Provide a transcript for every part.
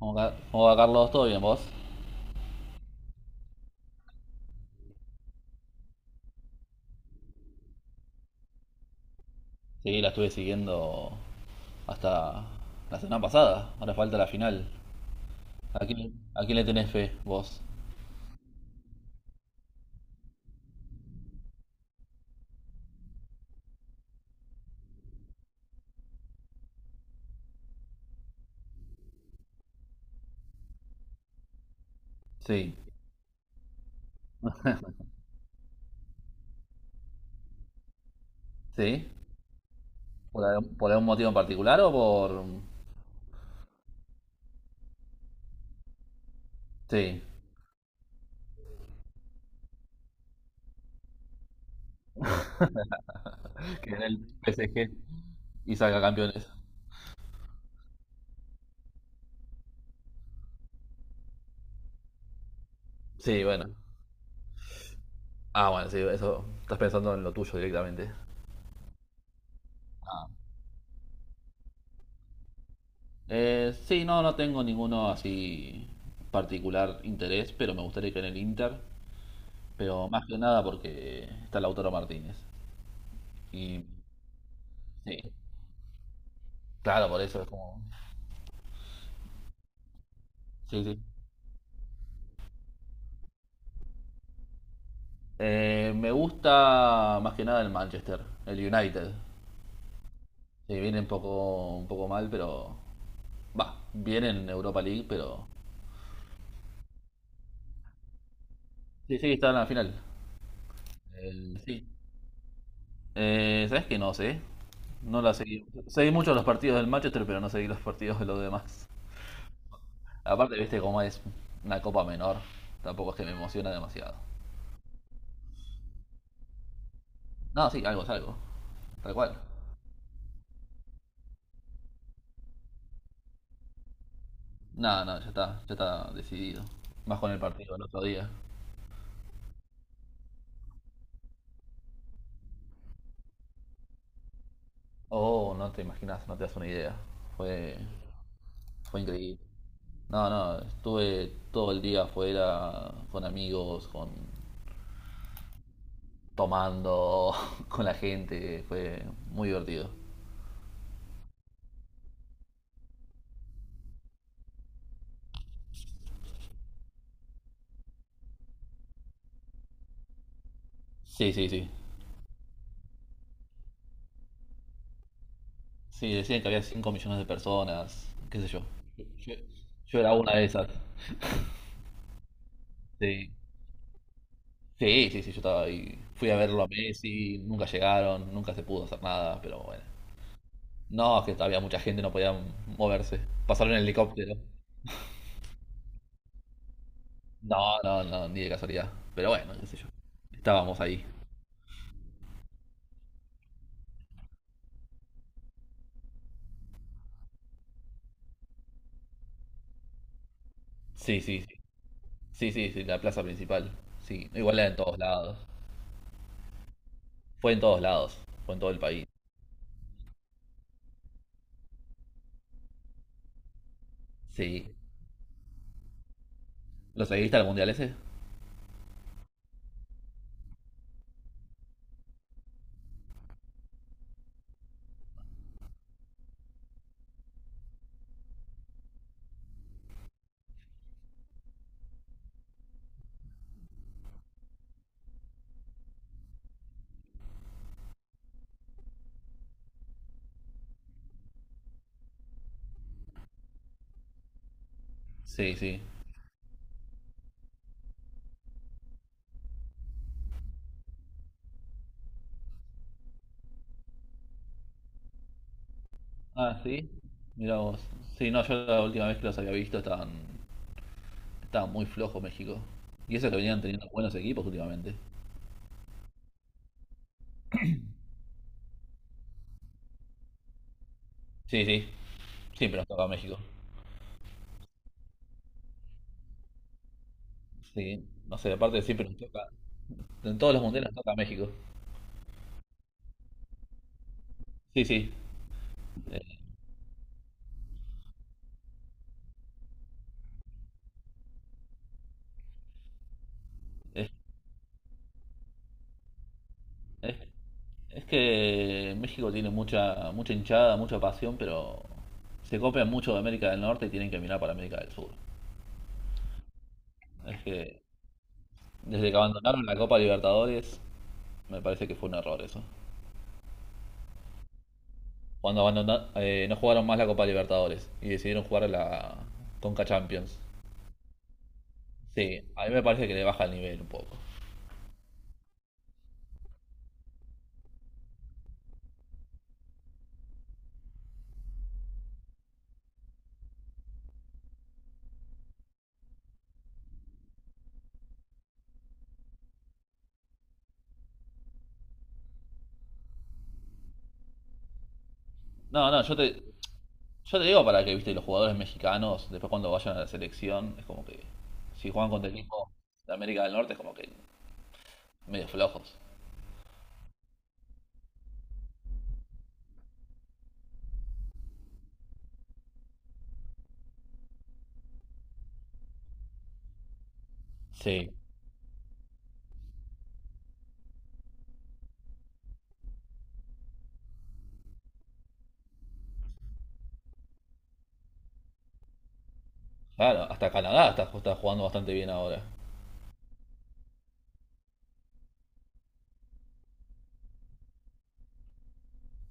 ¿Cómo, va Carlos? ¿Todo bien vos? Sí, la estuve siguiendo hasta la semana pasada. Ahora falta la final. ¿A quién le tenés fe vos? Sí, sí. ¿Por algún motivo en particular o por...? Sí, que en el PSG y salga campeones. Sí, bueno. Ah, bueno, sí, eso estás pensando en lo tuyo directamente. Ah. Sí, no, no tengo ninguno así particular interés, pero me gustaría que en el Inter. Pero más que nada porque está Lautaro Martínez. Y sí, claro, por eso es como. Sí, sí. Me gusta más que nada el Manchester, el United. Sí, viene un poco mal, pero. Va, viene en Europa League, pero. Sí, sí, está en la final. Sí. ¿Sabes qué? No sé. No la seguí. Seguí mucho los partidos del Manchester, pero no seguí los partidos de los demás. Aparte, viste cómo es una copa menor. Tampoco es que me emociona demasiado. No, sí, algo es algo. Tal cual. No, no, ya está decidido. Más con el partido del otro día. Oh, no te imaginas, no te das una idea. Fue, fue increíble. No, no, estuve todo el día afuera con amigos, con tomando, con la gente. Fue muy divertido. Sí, sí, sí. Sí, decían que había cinco millones de personas, qué sé yo. Yo, yo era una de esas. Sí. Sí, sí, sí, yo estaba ahí. Fui a verlo a Messi, nunca llegaron, nunca se pudo hacer nada, pero bueno. No, es que había mucha gente, no podía moverse. Pasaron en helicóptero. No, no, no, ni de casualidad. Pero bueno, qué sé yo. Estábamos ahí. Sí, sí, sí. Sí, sí, sí, la plaza principal. Sí, igual era en todos lados. Fue en todos lados. Fue en todo el país. Sí. ¿Lo seguiste al mundial ese? Sí, sí. Ah, sí. Mirá vos. Sí, no, yo la última vez que los había visto estaban muy flojos México. Y eso que venían teniendo buenos equipos últimamente. Sí, sí. Siempre nos toca México. Sí. No sé, aparte siempre nos toca. En todos los mundiales toca México. Sí, sí. Eh, Es, es- es que México tiene mucha, mucha hinchada, mucha pasión, pero se copian mucho de América del Norte y tienen que mirar para América del Sur. Es que desde que abandonaron la Copa Libertadores, me parece que fue un error eso. Cuando abandonaron, no jugaron más la Copa Libertadores y decidieron jugar la Conca Champions. Sí, a mí me parece que le baja el nivel un poco. No, no, yo te, Yo te digo para que, viste, los jugadores mexicanos, después cuando vayan a la selección, es como que si juegan contra equipos de América del Norte, es como que medio flojos. Sí. Claro, hasta Canadá está, está jugando bastante bien ahora.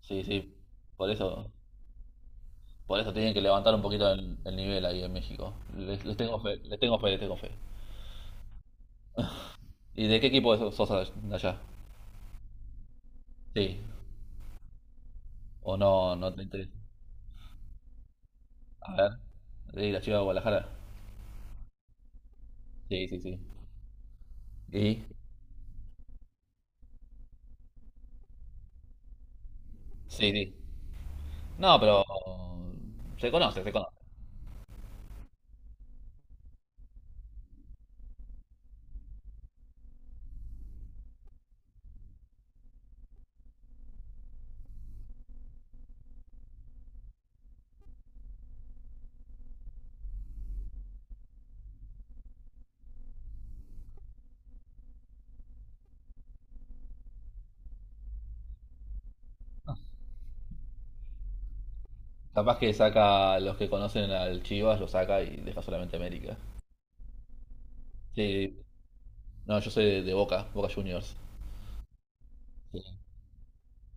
Sí, sí, por eso, por eso tienen que levantar un poquito el nivel ahí en México. Les tengo fe, les tengo fe, les tengo fe. ¿Y de qué equipo sos de allá? Sí, o no, no te interesa. A ver, de la Chiva de Guadalajara. Sí, sí, sí. ¿Y? Sí, sí. No, pero se conoce, se conoce. Capaz que saca los que conocen al Chivas, lo saca y deja solamente América. Sí, no, yo soy de Boca, Boca Juniors. Sí.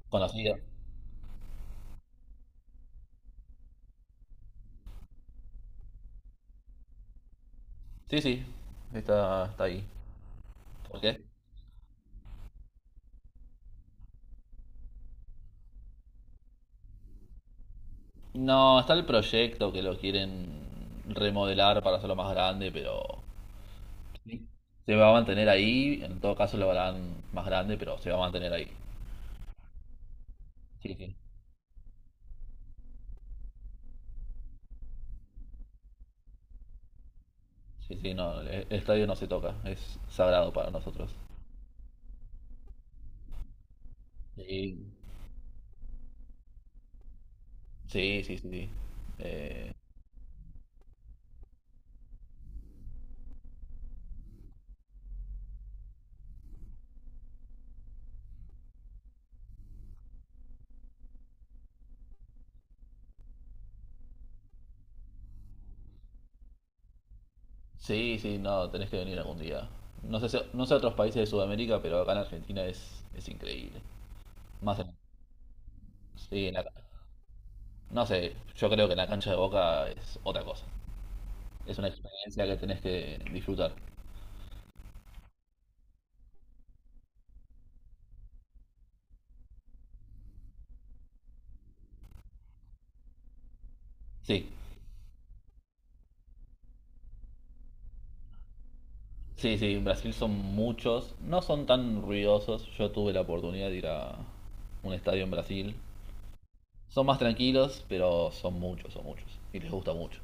Conocido. Sí, sí, está, está ahí. ¿Por qué? No, está el proyecto que lo quieren remodelar para hacerlo más grande, pero sí, se va a mantener ahí. En todo caso lo harán más grande, pero se va a mantener ahí. Sí, sí. Sí, sí, no, el estadio no se toca, es sagrado para nosotros. Sí, sí, sí, sí. Sí. Eh, Sí, sí, no, tenés que venir algún día. No sé, no sé otros países de Sudamérica, pero acá en Argentina es increíble. Más en, sí, en la, No sé, yo creo que en la cancha de Boca es otra cosa. Es una experiencia que tenés que disfrutar. Sí, sí, sí, en Brasil son muchos, no son tan ruidosos. Yo tuve la oportunidad de ir a un estadio en Brasil. Son más tranquilos, pero son muchos, son muchos. Y les gusta mucho.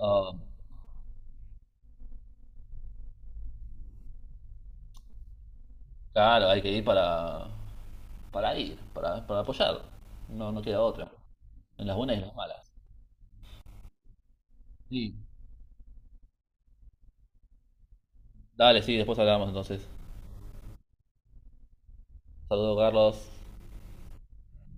Ah, claro, hay que ir, para apoyar. No, no queda otra. En las buenas y en las malas. Sí. Dale, sí, después hablamos entonces. Saludos, Carlos.